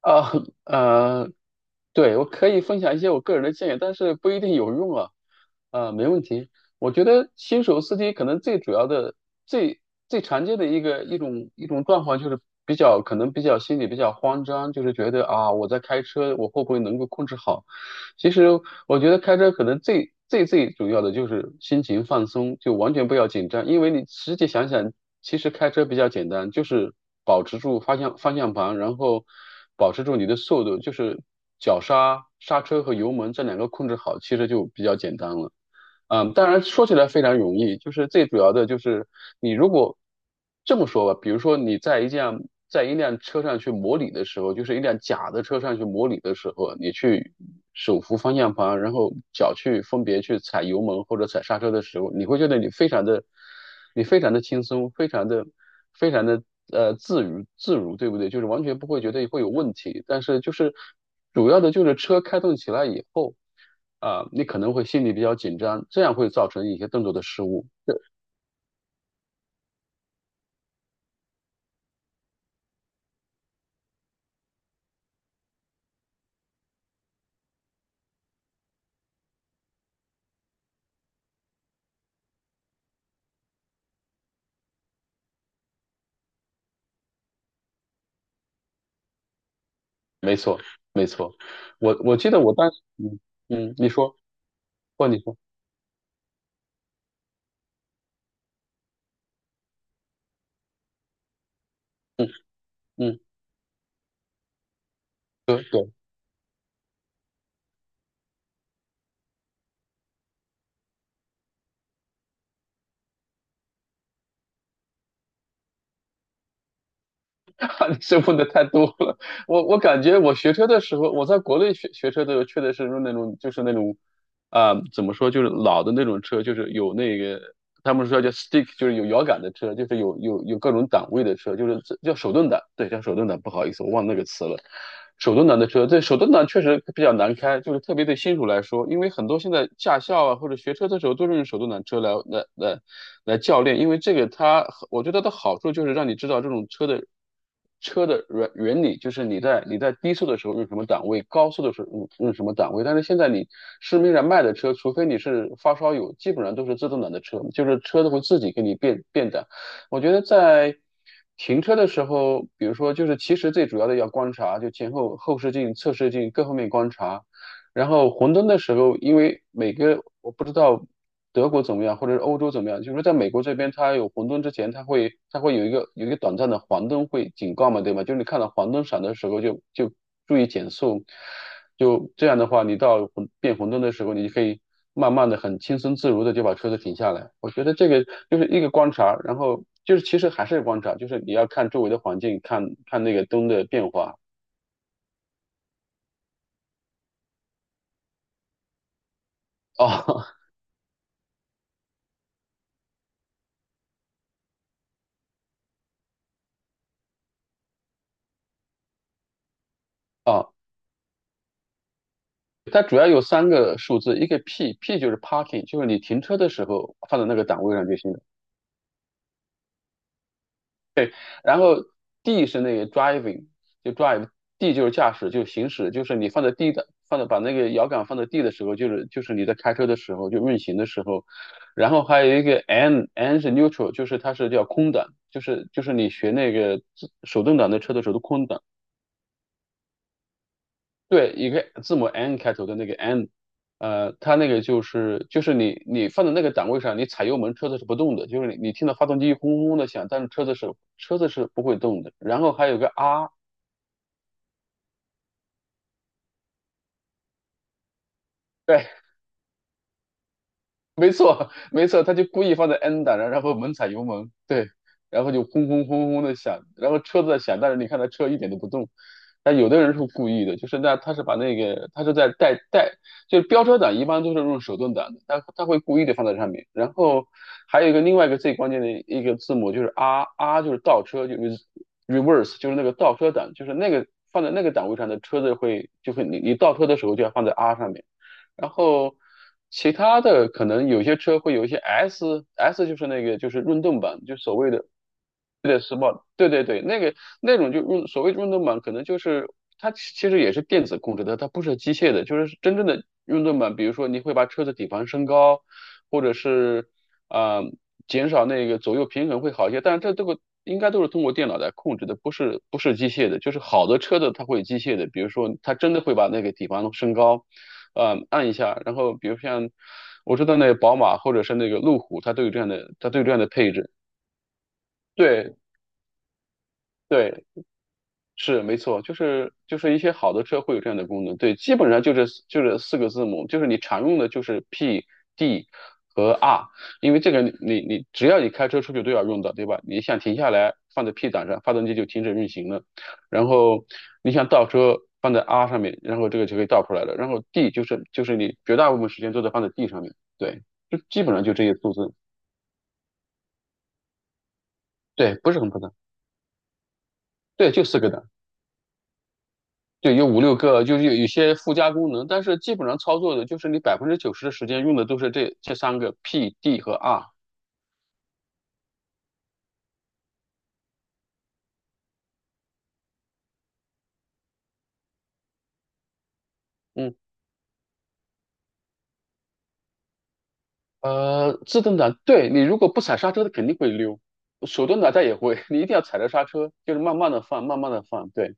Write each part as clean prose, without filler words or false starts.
啊，呃，对，我可以分享一些我个人的建议，但是不一定有用啊。啊，没问题。我觉得新手司机可能最主要的、最最常见的一种状况就是比较可能比较心里比较慌张，就是觉得啊，我在开车，我会不会能够控制好？其实我觉得开车可能最主要的就是心情放松，就完全不要紧张。因为你实际想想，其实开车比较简单，就是保持住方向盘，然后保持住你的速度，就是脚刹、刹车和油门这两个控制好，其实就比较简单了。当然说起来非常容易，就是最主要的就是你如果这么说吧，比如说你在一辆车上去模拟的时候，就是一辆假的车上去模拟的时候，你去手扶方向盘，然后脚去分别去踩油门或者踩刹车的时候，你会觉得你非常的轻松，非常的自如，对不对？就是完全不会觉得会有问题，但是就是。主要的就是车开动起来以后，你可能会心里比较紧张，这样会造成一些动作的失误。没错，没错。我记得我当时，嗯嗯，你说，或你说，嗯嗯，对对。这问的太多了。我感觉我学车的时候，我在国内学车的时候，确实是那种怎么说，就是老的那种车，就是有那个他们说叫 stick,就是有摇杆的车，就是有各种档位的车，就是叫手动挡，对，叫手动挡。不好意思，我忘那个词了。手动挡的车，对，手动挡确实比较难开，就是特别对新手来说。因为很多现在驾校啊或者学车的时候都是用手动挡车来教练，因为这个它，我觉得它的好处就是让你知道这种车的原理。就是你在低速的时候用什么档位，高速的时候用什么档位。但是现在你市面上卖的车，除非你是发烧友，基本上都是自动挡的车，就是车子会自己给你变档。我觉得在停车的时候，比如说就是其实最主要的要观察，就前后后视镜、侧视镜各方面观察。然后红灯的时候，因为每个我不知道德国怎么样，或者是欧洲怎么样，就是说在美国这边，它有红灯之前，它会有一个短暂的黄灯会警告嘛，对吗？就是你看到黄灯闪的时候就注意减速。就这样的话，你到红灯的时候，你就可以慢慢的、很轻松自如的就把车子停下来。我觉得这个就是一个观察，然后就是其实还是观察，就是你要看周围的环境，看看那个灯的变化。哦 哦，它主要有三个数字，一个 P，P 就是 parking,就是你停车的时候放在那个档位上就行了。对，然后 D 是那个 driving,就 drive，D 就是驾驶，就行驶。就是你放在 D 的，放在把那个摇杆放在 D 的时候，就是你在开车的时候，就运行的时候。然后还有一个 N，N 是 neutral,就是它是叫空挡，就是你学那个手动挡的车的时候的空挡。对，一个字母 N 开头的那个 N,它那个就是你你放在那个档位上，你踩油门车子是不动的，就是你听到发动机轰轰的响，但是车子是不会动的。然后还有个 R,对 没错，没错，他就故意放在 N 档，然后猛踩油门，对，然后就轰轰轰轰的响，然后车子在响，但是你看他车一点都不动。但有的人是故意的，就是那他是把那个他是在带，就是飙车档一般都是用手动挡的，他会故意的放在上面。然后还有一个另外一个最关键的一个字母就是 R，R 就是倒车，就是 reverse,就是那个倒车档，就是那个放在那个档位上的车子就会你倒车的时候就要放在 R 上面。然后其他的可能有些车会有一些 S，S 就是那个就是运动版，就所谓的对的，r t 对对对，那种就所谓运动版，可能就是它其实也是电子控制的，它不是机械的，就是真正的运动版。比如说你会把车子底盘升高，或者是啊、呃减少那个左右平衡会好一些，但是这个应该都是通过电脑来控制的，不是不是机械的。就是好的车子它会机械的，比如说它真的会把那个底盘升高，按一下。然后比如像我知道那个宝马或者是那个路虎，它都有这样的配置。对对，是没错，就是一些好的车会有这样的功能。对，基本上就是四个字母，就是你常用的就是 P、D 和 R,因为这个你只要你开车出去都要用到，对吧？你想停下来放在 P 档上，发动机就停止运行了。然后你想倒车放在 R 上面，然后这个就可以倒出来了。然后 D 就是你绝大部分时间都在放在 D 上面，对，就基本上就这些数字。对，不是很复杂，对，就四个档。对，有五六个，就是有些附加功能。但是基本上操作的就是你90%的时间用的都是这三个 P、D 和 R。嗯，自动挡，对你如果不踩刹车，它肯定会溜；手动挡它也会，你一定要踩着刹车，就是慢慢的放，慢慢的放。对。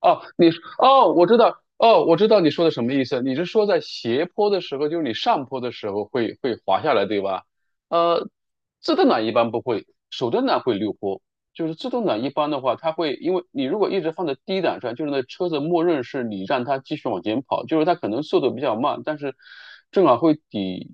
哦，你说哦，我知道，哦，我知道你说的什么意思。你是说在斜坡的时候，就是你上坡的时候会滑下来，对吧？呃，自动挡一般不会，手动挡会溜坡。就是自动挡一般的话，它会因为你如果一直放在低档上，就是那车子默认是你让它继续往前跑，就是它可能速度比较慢，但是正好会抵，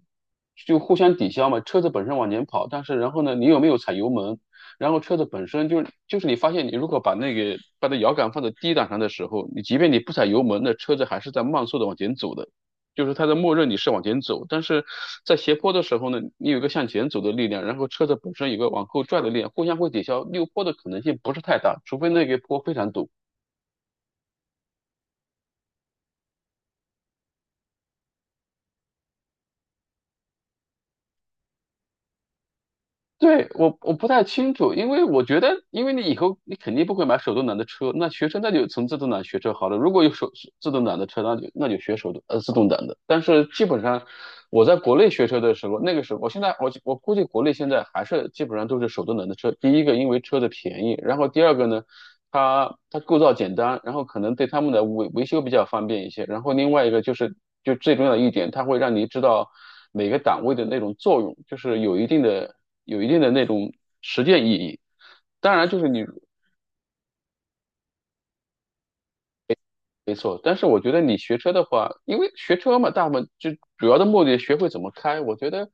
就互相抵消嘛。车子本身往前跑，但是然后呢，你有没有踩油门？然后车子本身就是你发现你如果把那摇杆放在低档上的时候，你即便你不踩油门，那车子还是在慢速的往前走的，就是它的默认你是往前走。但是在斜坡的时候呢，你有一个向前走的力量，然后车子本身有个往后拽的力量，互相会抵消，溜坡的可能性不是太大，除非那个坡非常陡。对，我不太清楚，因为我觉得，因为你以后你肯定不会买手动挡的车，那学车那就从自动挡学车好了。如果有自动挡的车，那就学自动挡的。但是基本上我在国内学车的时候，那个时候，我估计国内现在还是基本上都是手动挡的车。第一个，因为车的便宜，然后第二个呢，它构造简单，然后可能对他们的维修比较方便一些。然后另外一个就是，就最重要的一点，它会让你知道每个档位的那种作用，就是有一定的。有一定的那种实践意义。当然，就是你。没错，但是我觉得你学车的话，因为学车嘛，大部分就主要的目的学会怎么开。我觉得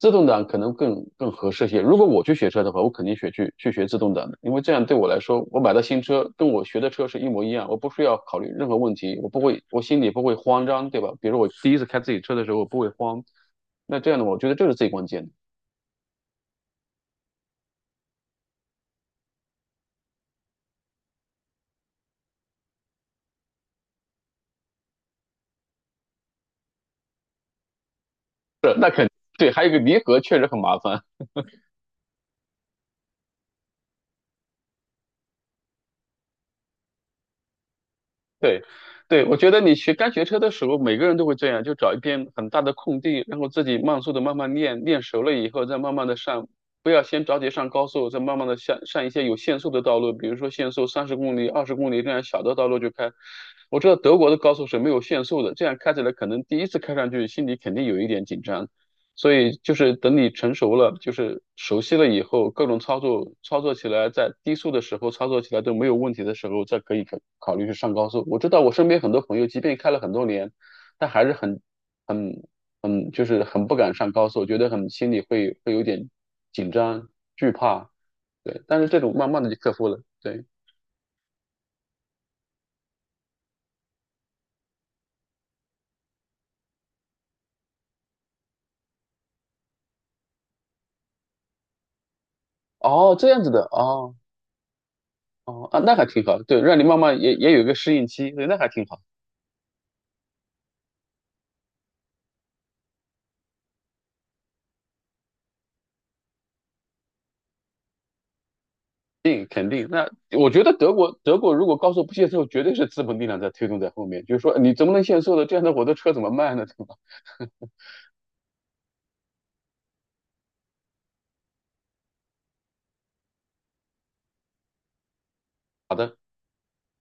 自动挡可能更合适些。如果我去学车的话，我肯定去学自动挡的，因为这样对我来说，我买到新车跟我学的车是一模一样，我不需要考虑任何问题，我不会，我心里不会慌张，对吧？比如我第一次开自己车的时候，我不会慌。那这样的话，我觉得这是最关键的。是，对，还有一个离合确实很麻烦。对，对，我觉得你刚学车的时候，每个人都会这样，就找一片很大的空地，然后自己慢速的慢慢练，练熟了以后再慢慢的上，不要先着急上高速，再慢慢的上一些有限速的道路，比如说限速30公里、20公里这样小的道路就开。我知道德国的高速是没有限速的，这样开起来可能第一次开上去心里肯定有一点紧张。所以就是等你成熟了，就是熟悉了以后，各种操作操作起来，在低速的时候操作起来都没有问题的时候，再可以考虑去上高速。我知道我身边很多朋友，即便开了很多年，但还是很很很就是很不敢上高速，觉得很心里会有点紧张惧怕。对，但是这种慢慢的就克服了。对，哦，这样子的，哦哦啊，那还挺好。对，让你慢慢也有一个适应期，对，那还挺好。肯定，那我觉得德国如果高速不限速，绝对是资本力量在推动在后面，就是说你怎么能限速呢？这样的我的车怎么卖呢？对吧？好的，